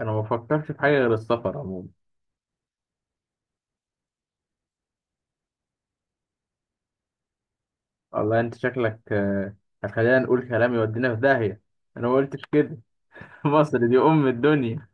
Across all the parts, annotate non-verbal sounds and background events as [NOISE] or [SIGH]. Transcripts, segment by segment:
انا ما فكرتش في حاجه غير السفر عموما. والله انت شكلك هتخلينا نقول كلام يودينا في داهيه. انا ما قلتش كده. [LAUGHS] مصر دي ام الدنيا.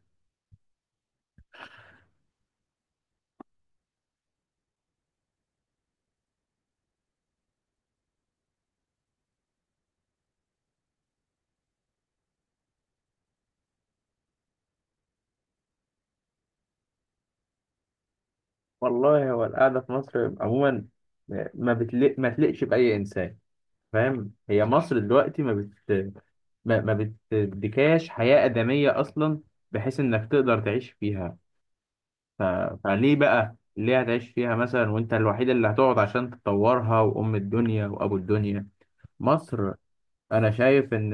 والله هو القعده في مصر عموما، ما تلقش باي انسان فاهم. هي مصر دلوقتي ما بت ما, ما بتديكاش حياه ادميه اصلا بحيث انك تقدر تعيش فيها. ف... فليه بقى، ليه هتعيش فيها مثلا وانت الوحيد اللي هتقعد عشان تطورها، وام الدنيا وابو الدنيا مصر. انا شايف ان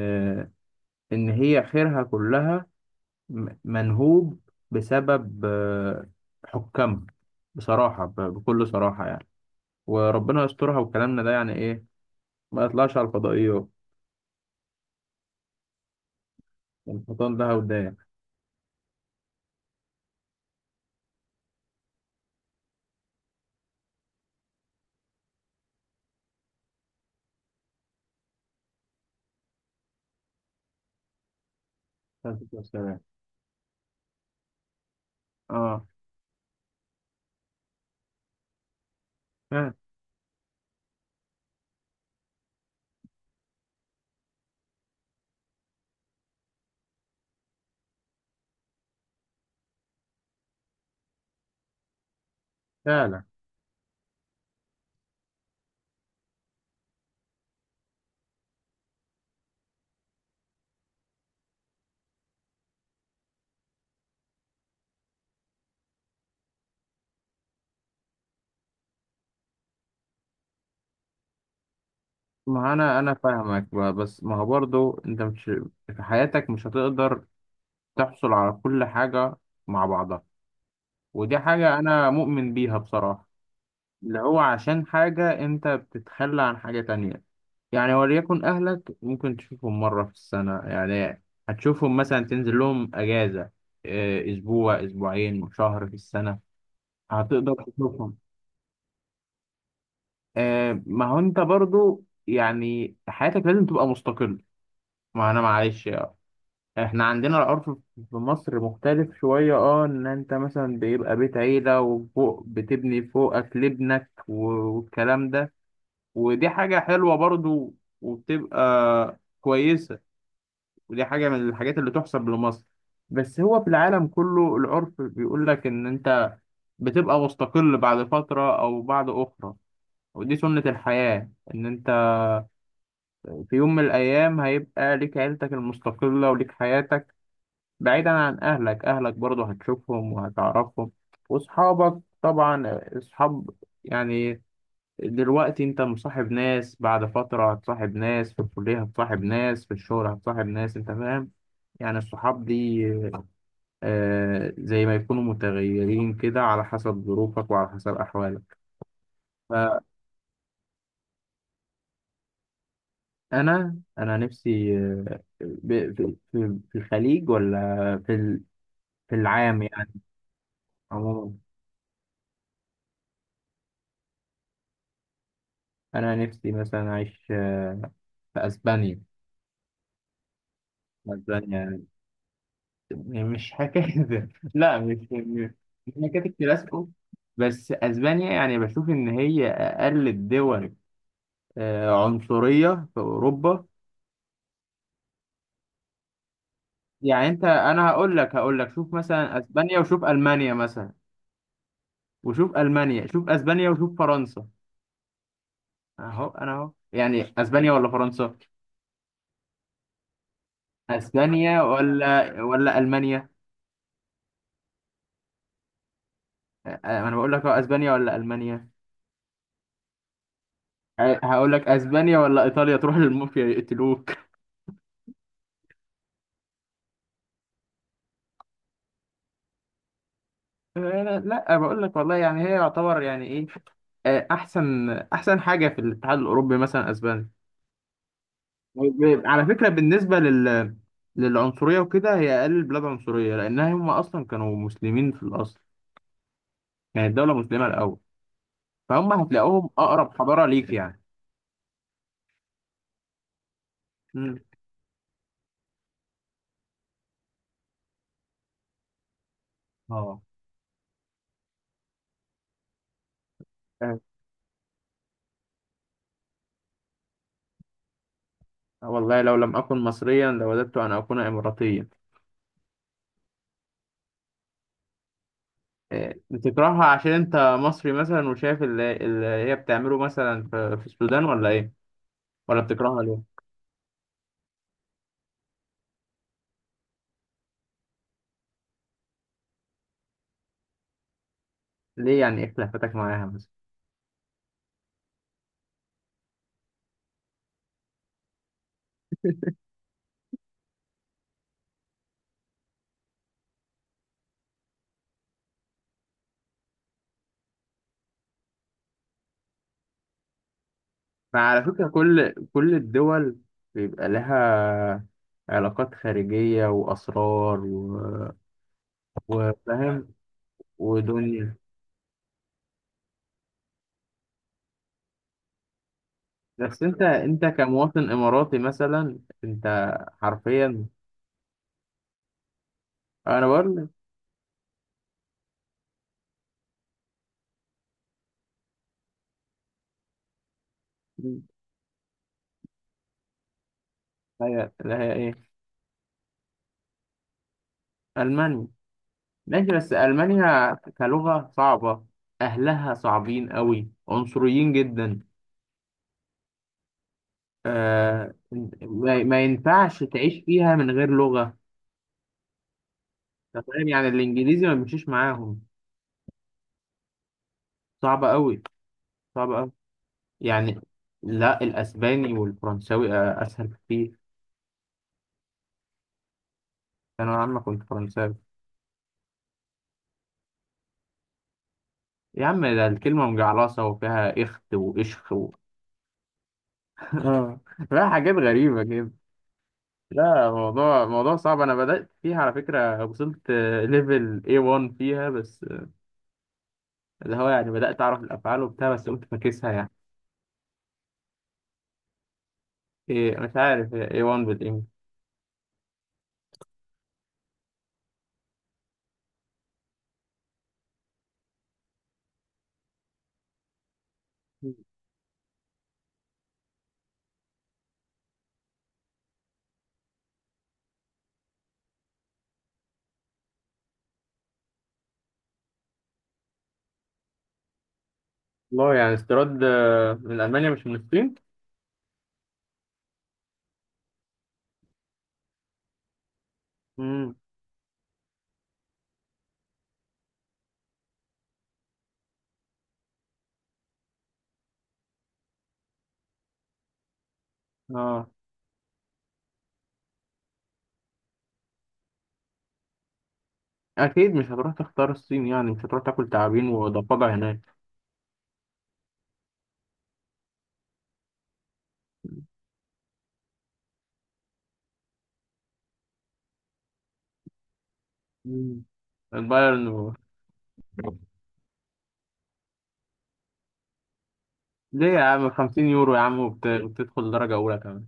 إن هي خيرها كلها منهوب بسبب حكامها. بصراحة، بكل صراحة يعني، وربنا يسترها. وكلامنا ده يعني إيه ما يطلعش على الفضائيات، والحيطان لها وداع. السلام. آه. فعلا. فعلا. ما أنا فاهمك بقى، بس ما هو برضه أنت مش في حياتك مش هتقدر تحصل على كل حاجة مع بعضها. ودي حاجة أنا مؤمن بيها بصراحة. اللي هو عشان حاجة أنت بتتخلى عن حاجة تانية، يعني وليكن أهلك ممكن تشوفهم مرة في السنة يعني. هتشوفهم مثلا، تنزل لهم أجازة، أسبوع، أسبوعين، شهر في السنة هتقدر تشوفهم. ما هو أنت برضو يعني حياتك لازم تبقى مستقل. ما أنا معلش يعني. إحنا عندنا العرف في مصر مختلف شوية، أه، إن أنت مثلا بيبقى بيت عيلة وفوق بتبني فوقك لابنك والكلام ده. ودي حاجة حلوة برضو وبتبقى كويسة، ودي حاجة من الحاجات اللي تحسب لمصر. بس هو في العالم كله العرف بيقول لك إن أنت بتبقى مستقل بعد فترة أو بعد أخرى. ودي سنة الحياة، إن أنت في يوم من الأيام هيبقى ليك عيلتك المستقلة وليك حياتك بعيدا عن أهلك، أهلك برضو هتشوفهم وهتعرفهم. وأصحابك طبعا، أصحاب يعني دلوقتي انت مصاحب ناس، بعد فترة هتصاحب ناس في الكلية، هتصاحب ناس في الشغل، هتصاحب ناس، انت فاهم يعني. الصحاب دي آه زي ما يكونوا متغيرين كده على حسب ظروفك وعلى حسب أحوالك. فأنا نفسي، في الخليج ولا في ال- في العام يعني. عموما أنا نفسي مثلا أعيش في أسبانيا. أسبانيا يعني، مش حكاية ده. لا، مش مش حكاية الكلاسيكو. بس أسبانيا يعني بشوف إن هي أقل الدول عنصرية في أوروبا. يعني أنت، أنا هقول لك شوف مثلا أسبانيا وشوف ألمانيا مثلا. وشوف ألمانيا، شوف أسبانيا وشوف فرنسا. أهو أنا أهو يعني أسبانيا ولا فرنسا، أسبانيا ولا ألمانيا. آه، أنا بقول لك أهو أسبانيا ولا ألمانيا. هقول لك أسبانيا ولا إيطاليا، تروح للمافيا يقتلوك. لا بقول لك والله يعني هي يعتبر يعني ايه، احسن حاجه في الاتحاد الاوروبي مثلا اسبانيا. على فكره بالنسبه للعنصريه وكده، هي اقل البلاد عنصريه لانها هم اصلا كانوا مسلمين في الاصل. يعني الدوله مسلمه الاول، فهم هتلاقوهم اقرب حضاره ليك يعني. مم. اه. آه، والله لو لم اكن مصريا لوددت ان اكون اماراتيا. بتكرهها عشان انت مصري مثلا وشايف اللي هي بتعمله مثلا في السودان، ولا ايه، ولا بتكرهها؟ ليه، يعني ايه خلافتك معاها مثلا؟ فعلى فكرة، كل الدول بيبقى لها علاقات خارجية وأسرار وفاهم ودنيا. بس انت كمواطن إماراتي مثلا، انت حرفيا، انا بقول لك. هي، لا هي ايه، ألمانيا. ماشي، بس ألمانيا كلغة صعبة، أهلها صعبين قوي، عنصريين جدا. آه. ما ينفعش تعيش فيها من غير لغة. أنت فاهم يعني، الانجليزي ما بيمشيش معاهم. صعب قوي، صعب قوي يعني. لا، الاسباني والفرنساوي اسهل كتير. انا يا عم كنت فرنساوي. يا عم ده الكلمه مجعلصه وفيها اخت واشخ [LAUGHS] آه، فيها حاجات غريبه كده. لا، موضوع صعب، انا بدات فيها على فكره، وصلت ليفل A1 فيها بس، اللي هو يعني بدات اعرف الافعال وبتاع، بس قمت فاكسها يعني. إيه، مش عارف، هي A1 بالانجلش. والله يعني استيراد من المانيا مش من الصين. امم. اه، اكيد مش هتروح تختار الصين، يعني مش هتروح تاكل تعابين وضفادع هناك. مم. البايرن ليه يا عم، 50 يورو يا عم، وبتدخل درجة أولى كمان.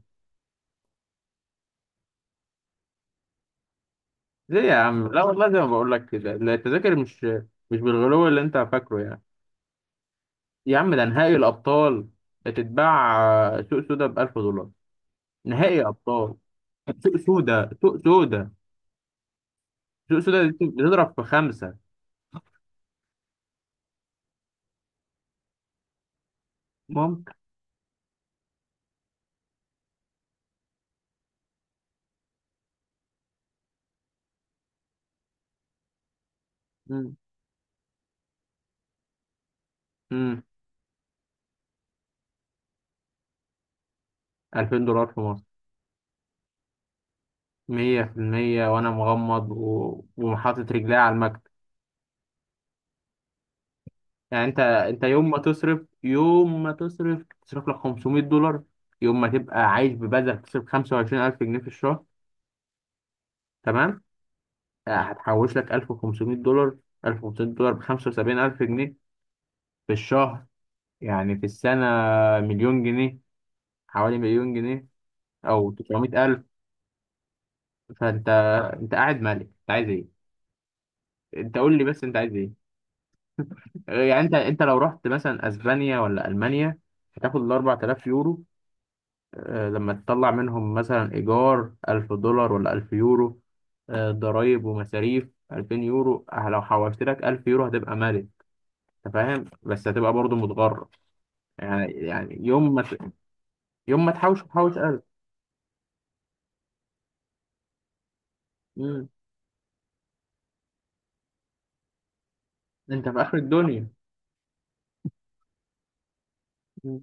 ليه يا عم، لا والله زي ما بقول لك كده، لا، التذاكر مش بالغلو اللي أنت فاكره يعني. يا عم ده نهائي الأبطال، هتتباع سوق سودا ب 1000 دولار، نهائي أبطال. سوق سودا، سوق سودا، سوق سودا دي بتضرب في خمسة. ممكن. امم. 2000 دولار في مصر، مية في المية، وأنا مغمض وحاطط رجلي على المكتب. يعني أنت يوم ما تصرف، تصرف لك 500 دولار، يوم ما تبقى عايش ببذل تصرف 25000 جنيه في الشهر. تمام. هتحوش لك 1500 دولار، 1500 دولار ب 75000 جنيه في الشهر، يعني في السنة مليون جنيه، حوالي مليون جنيه أو 900000. فأنت، أنت قاعد مالك، أنت عايز إيه؟ أنت قول لي بس، أنت عايز إيه؟ يعني انت لو رحت مثلا اسبانيا ولا المانيا، هتاخد ال 4000 يورو، لما تطلع منهم مثلا ايجار 1000 دولار ولا 1000 يورو، ضرايب ومصاريف 2000 يورو، لو حوشت لك 1000 يورو هتبقى مالك، انت فاهم، بس هتبقى برضو متغرب. يعني يعني يوم ما تحوش تحوش 1000. مم. انت في اخر الدنيا. مم.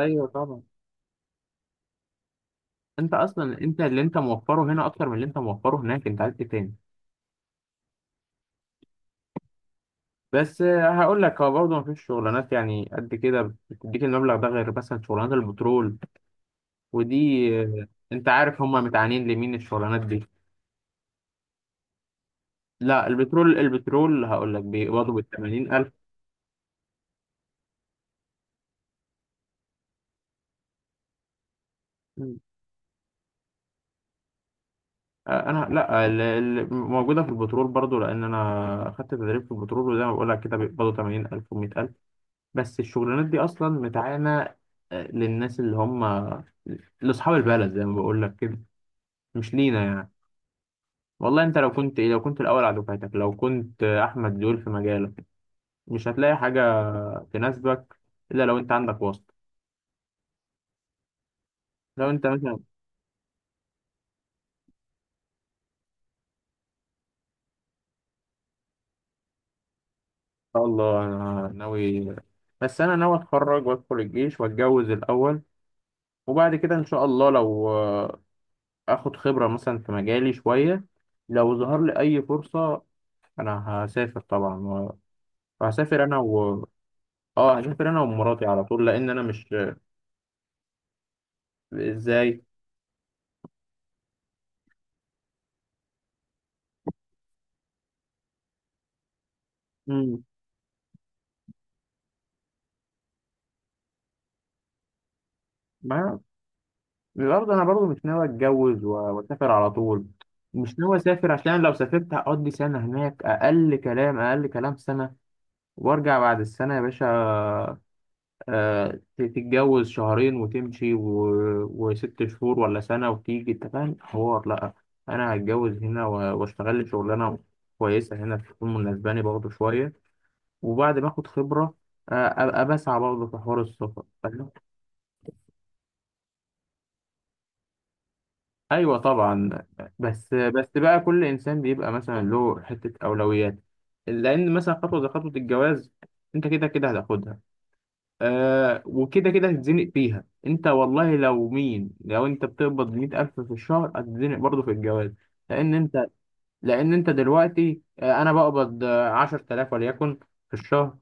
ايوه طبعا. انت اصلا، انت اللي انت موفره هنا اكتر من اللي انت موفره هناك، انت عايز ايه تاني؟ بس هقول لك، هو برضه مفيش شغلانات يعني قد كده بتديك المبلغ ده غير مثلا شغلانات البترول، ودي انت عارف هم متعانين لمين الشغلانات دي. لا، البترول، البترول هقول لك بيقبضوا بال 80000. انا، لا، موجوده في البترول برضو لان انا خدت تدريب في البترول، وزي ما بقول لك كده بيقبضوا 80000 و100000 ألف. بس الشغلانات دي اصلا متعانه للناس اللي هم لاصحاب البلد، زي ما بقول لك كده، مش لينا يعني. والله انت لو كنت ايه، لو كنت الاول على دفعتك، لو كنت احمد زويل في مجالك، مش هتلاقي حاجه تناسبك الا لو انت عندك واسطه، لو انت مثلا، ان شاء الله انا ناوي. بس انا ناوي اتخرج وادخل الجيش واتجوز الاول، وبعد كده ان شاء الله لو اخد خبره مثلا في مجالي شويه، لو ظهر لي اي فرصه انا هسافر طبعا وهسافر انا و اه هسافر انا ومراتي على طول لان انا مش. ازاي؟ مم. ما برضه انا برضه مش ناوي اتجوز واسافر على طول، مش ناوي اسافر عشان لو سافرت هقضي سنه هناك، اقل كلام، اقل كلام سنه، وارجع بعد السنه يا باشا. آه، تتجوز شهرين وتمشي وست شهور ولا سنه وتيجي، انت فاهم حوار؟ لا، انا هتجوز هنا واشتغل لي شغلانه كويسه هنا تكون مناسباني برضه شويه، وبعد ما اخد خبره آه، ابقى بسعى برضه في حوار السفر. ايوه طبعا. بس بقى كل انسان بيبقى مثلا له حته اولويات، لان مثلا خطوه زي خطوه الجواز انت كده كده هتاخدها. آه، وكده كده هتتزنق فيها، انت والله لو مين، لو انت بتقبض 100000 في الشهر هتتزنق برضه في الجواز. لان انت لان انت دلوقتي، آه، انا بقبض 10000 وليكن في الشهر،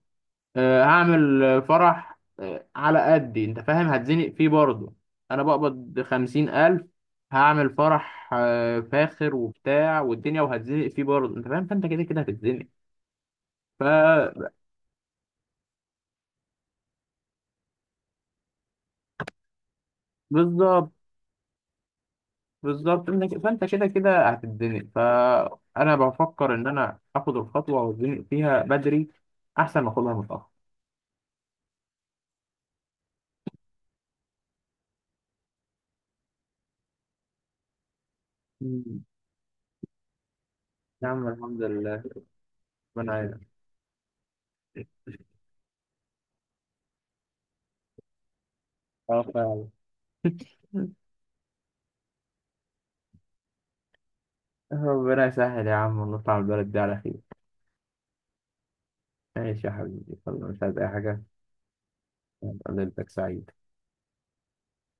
هعمل فرح على قدي، انت فاهم، هتزنق فيه برضه. انا بقبض 50 ألف، هعمل فرح فاخر وبتاع والدنيا، وهتزنق فيه برضه انت فاهم، فانت كده كده هتتزنق. ف بالظبط، بالظبط انت فانت كده كده هتتزنق، فانا بفكر ان انا اخد الخطوه واتزنق فيها بدري احسن ما اخدها متاخر. مم. يا عم الحمد لله. ربنا يعينك. اه فعلا. ربنا يسهل يا عم ونطلع البلد دي على خير. ماشي يا حبيبي، يلا، مش عايز أي حاجة. أبقى ليلتك سعيد.